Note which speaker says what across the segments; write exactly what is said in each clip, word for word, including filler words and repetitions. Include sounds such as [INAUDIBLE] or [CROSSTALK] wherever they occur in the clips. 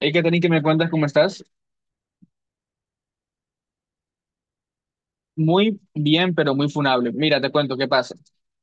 Speaker 1: Hey, Katherine, que me cuentas? ¿Cómo estás? Muy bien, pero muy funable. Mira, te cuento qué pasa.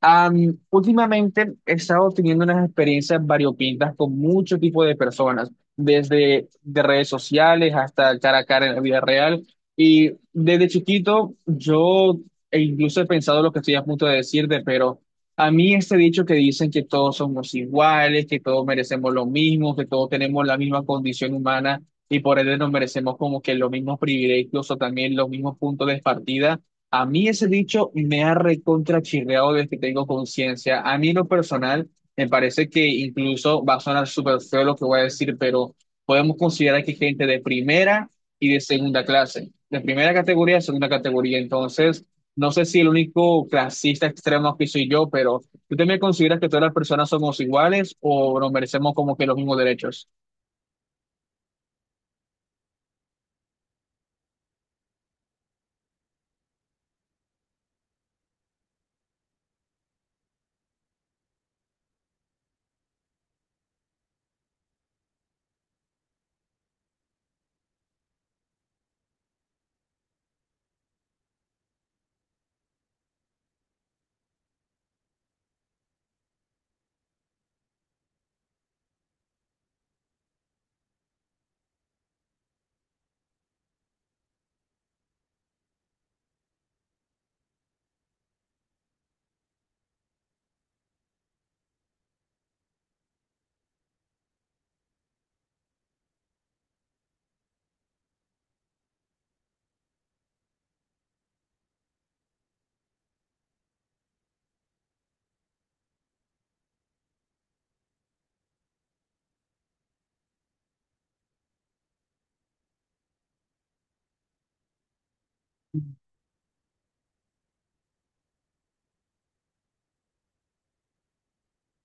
Speaker 1: Am, últimamente he estado teniendo unas experiencias variopintas con mucho tipo de personas, desde de redes sociales hasta cara a cara en la vida real. Y desde chiquito yo e incluso he pensado lo que estoy a punto de decirte, pero a mí este dicho que dicen que todos somos iguales, que todos merecemos lo mismo, que todos tenemos la misma condición humana y por ende nos merecemos como que los mismos privilegios o también los mismos puntos de partida, a mí ese dicho me ha recontrachirreado desde que tengo conciencia. A mí en lo personal me parece, que incluso va a sonar súper feo lo que voy a decir, pero podemos considerar que hay gente de primera y de segunda clase. De primera categoría, de segunda categoría. Entonces, no sé si el único clasista extremo que soy yo, pero ¿tú también consideras que todas las personas somos iguales o nos merecemos como que los mismos derechos?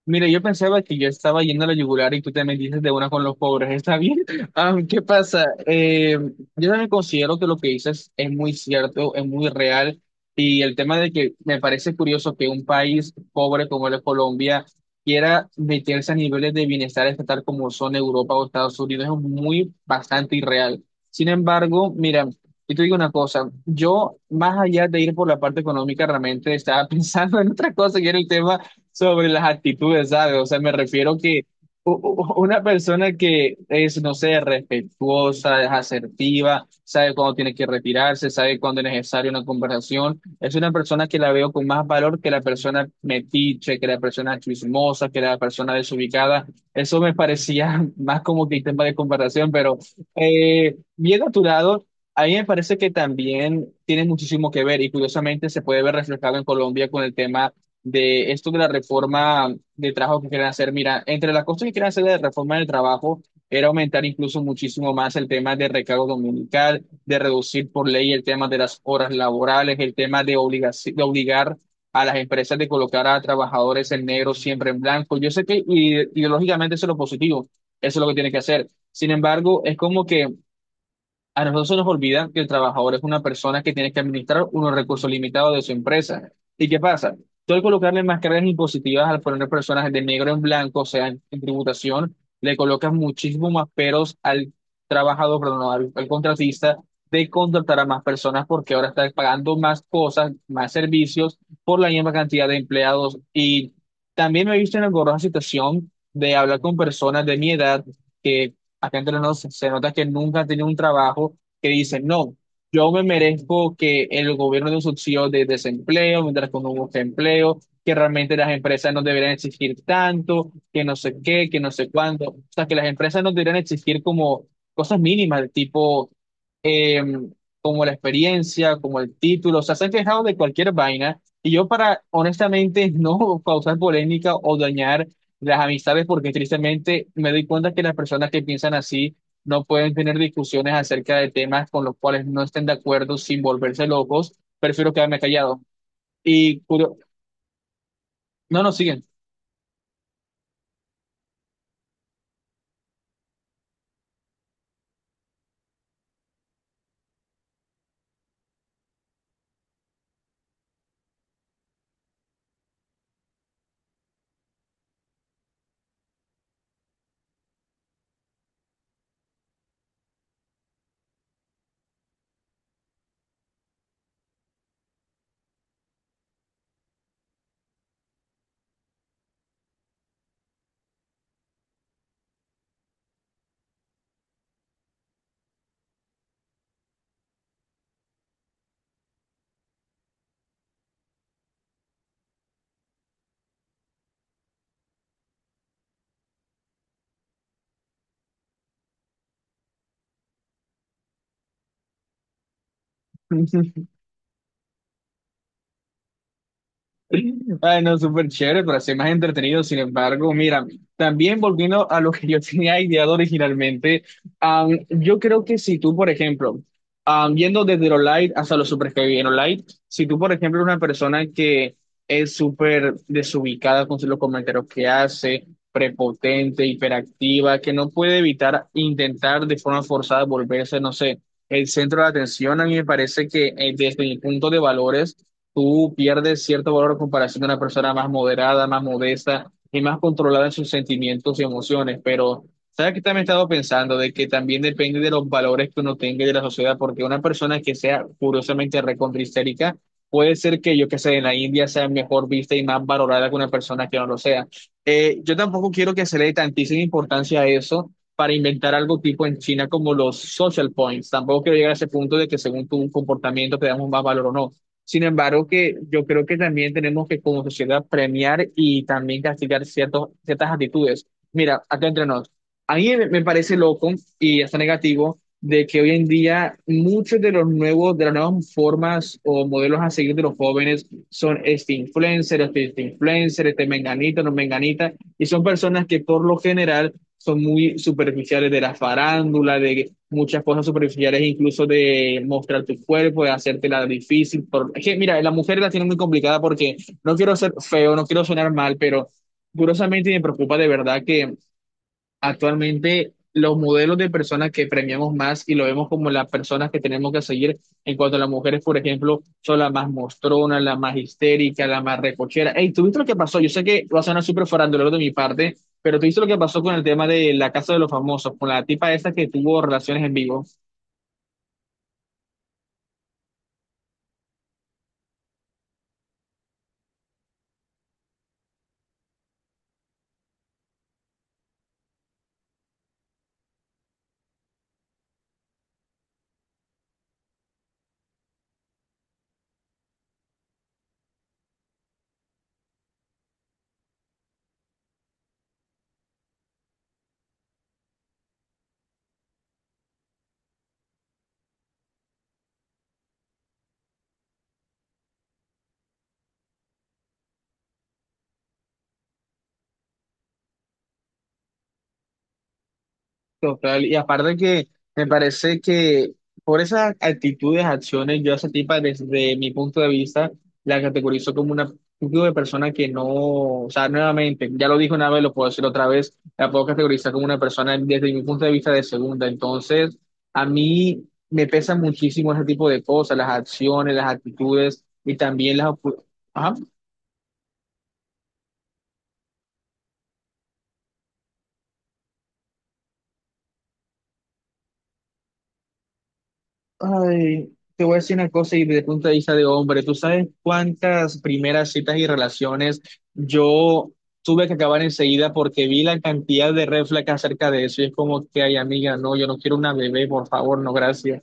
Speaker 1: Mira, yo pensaba que yo estaba yendo a la yugular y tú te metiste de una con los pobres, ¿está bien? [LAUGHS] Ah, ¿qué pasa? Eh, yo también considero que lo que dices es muy cierto, es muy real, y el tema de que me parece curioso que un país pobre como es Colombia quiera meterse a niveles de bienestar estatal como son Europa o Estados Unidos es muy bastante irreal. Sin embargo, mira, yo te digo una cosa, yo más allá de ir por la parte económica realmente estaba [LAUGHS] pensando en otra cosa que era el tema sobre las actitudes, ¿sabes? O sea, me refiero que u- u- una persona que es, no sé, respetuosa, es asertiva, sabe cuándo tiene que retirarse, sabe cuándo es necesaria una conversación, es una persona que la veo con más valor que la persona metiche, que la persona chismosa, que la persona desubicada. Eso me parecía [LAUGHS] más como que tema de conversación, pero eh, bien a tu lado. A mí me parece que también tiene muchísimo que ver y curiosamente se puede ver reflejado en Colombia con el tema de esto de la reforma de trabajo que quieren hacer. Mira, entre las cosas que quieren hacer de la reforma del trabajo era aumentar incluso muchísimo más el tema de recargo dominical, de reducir por ley el tema de las horas laborales, el tema de obligaci- de obligar a las empresas de colocar a trabajadores en negro siempre en blanco. Yo sé que ide- ideológicamente eso es lo positivo, eso es lo que tiene que hacer. Sin embargo, es como que a nosotros se nos olvida que el trabajador es una persona que tiene que administrar unos recursos limitados de su empresa. ¿Y qué pasa? Tú al colocarle más cargas impositivas, al poner personas de negro en blanco, o sea, en, en tributación, le colocas muchísimos más peros al trabajador, perdón, no, al, al contratista de contratar a más personas porque ahora está pagando más cosas, más servicios por la misma cantidad de empleados. Y también me he visto en la engorrosa situación de hablar con personas de mi edad, que acá entre nos se nota que nunca han tenido un trabajo, que dicen, no, yo me merezco que el gobierno dé un subsidio de desempleo mientras que uno busca empleo, que realmente las empresas no deberían exigir tanto, que no sé qué, que no sé cuándo. O sea, que las empresas no deberían exigir como cosas mínimas, tipo eh, como la experiencia, como el título. O sea, se han quejado de cualquier vaina. Y yo, para, honestamente, no [LAUGHS] causar polémica o dañar las amistades, porque tristemente me doy cuenta que las personas que piensan así no pueden tener discusiones acerca de temas con los cuales no estén de acuerdo sin volverse locos. Prefiero quedarme callado. Y curio- no, no, siguen. [LAUGHS] Bueno, súper chévere, pero así más entretenido. Sin embargo, mira, también volviendo a lo que yo [LAUGHS] tenía ideado originalmente, am, yo creo que si tú, por ejemplo, am, yendo desde lo light hasta lo super heavy, en lo light, si tú, por ejemplo, eres una persona que es súper desubicada con los comentarios que hace, prepotente, hiperactiva, que no puede evitar intentar de forma forzada volverse, no sé, el centro de atención, a mí me parece que eh, desde mi punto de valores, tú pierdes cierto valor en comparación a una persona más moderada, más modesta y más controlada en sus sentimientos y emociones. Pero, ¿sabes qué también he estado pensando? De que también depende de los valores que uno tenga y de la sociedad, porque una persona que sea curiosamente recontrahistérica puede ser que, yo que sé, en la India sea mejor vista y más valorada que una persona que no lo sea. Eh, yo tampoco quiero que se le dé tantísima importancia a eso, para inventar algo tipo en China como los social points. Tampoco quiero llegar a ese punto de que según tu comportamiento te damos más valor o no. Sin embargo, que yo creo que también tenemos que como sociedad premiar y también castigar ciertos, ciertas actitudes. Mira, acá entre nos, a mí me me parece loco y hasta negativo de que hoy en día muchos de los nuevos, de las nuevas formas o modelos a seguir de los jóvenes son este influencer, este, este influencer, este menganito, no menganita, y son personas que por lo general son muy superficiales, de la farándula, de muchas cosas superficiales, incluso de mostrar tu cuerpo, de hacértela difícil. Por... Es que, mira, las mujeres la tienen muy complicada porque no quiero ser feo, no quiero sonar mal, pero curiosamente me preocupa de verdad que actualmente los modelos de personas que premiamos más y lo vemos como las personas que tenemos que seguir en cuanto a las mujeres, por ejemplo, son las más mostronas, las más histéricas, las más recochera. Hey, ¿tú viste lo que pasó? Yo sé que va a sonar súper farandulero de mi parte, pero ¿tú viste lo que pasó con el tema de la Casa de los Famosos, con la tipa esta que tuvo relaciones en vivo? Total, y aparte que me parece que por esas actitudes, acciones, yo a esa tipa desde mi punto de vista la categorizo como una tipo de persona que no, o sea, nuevamente, ya lo dije una vez, lo puedo decir otra vez, la puedo categorizar como una persona desde mi punto de vista de segunda. Entonces, a mí me pesan muchísimo ese tipo de cosas, las acciones, las actitudes y también las... opu- Ajá. Ay, te voy a decir una cosa y de punto de vista de hombre, ¿tú sabes cuántas primeras citas y relaciones yo tuve que acabar enseguida porque vi la cantidad de red flags acerca de eso? Y es como que, ay, amiga, no, yo no quiero una bebé, por favor, no, gracias.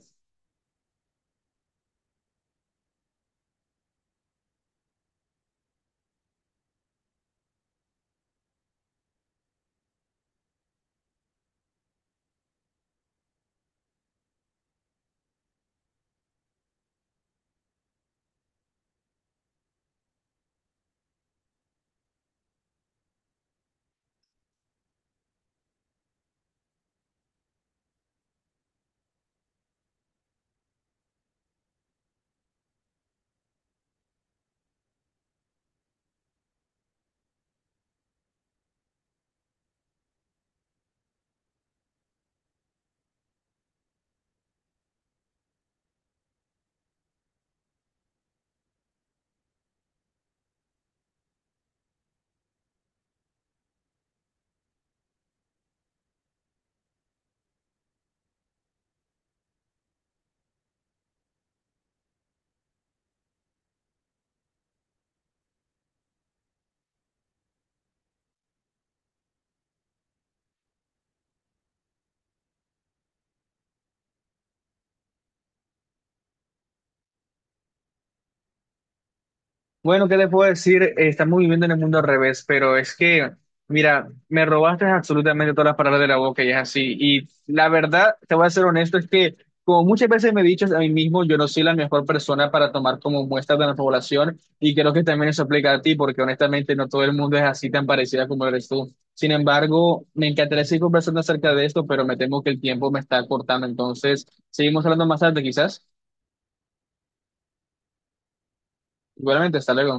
Speaker 1: Bueno, ¿qué te puedo decir? Eh, Estamos viviendo en el mundo al revés, pero es que, mira, me robaste absolutamente todas las palabras de la boca y es así. Y la verdad, te voy a ser honesto, es que como muchas veces me he dicho a mí mismo, yo no soy la mejor persona para tomar como muestra de la población y creo que también eso aplica a ti, porque honestamente no todo el mundo es así tan parecida como eres tú. Sin embargo, me encantaría seguir conversando acerca de esto, pero me temo que el tiempo me está cortando. Entonces, seguimos hablando más tarde, quizás. Igualmente, hasta luego.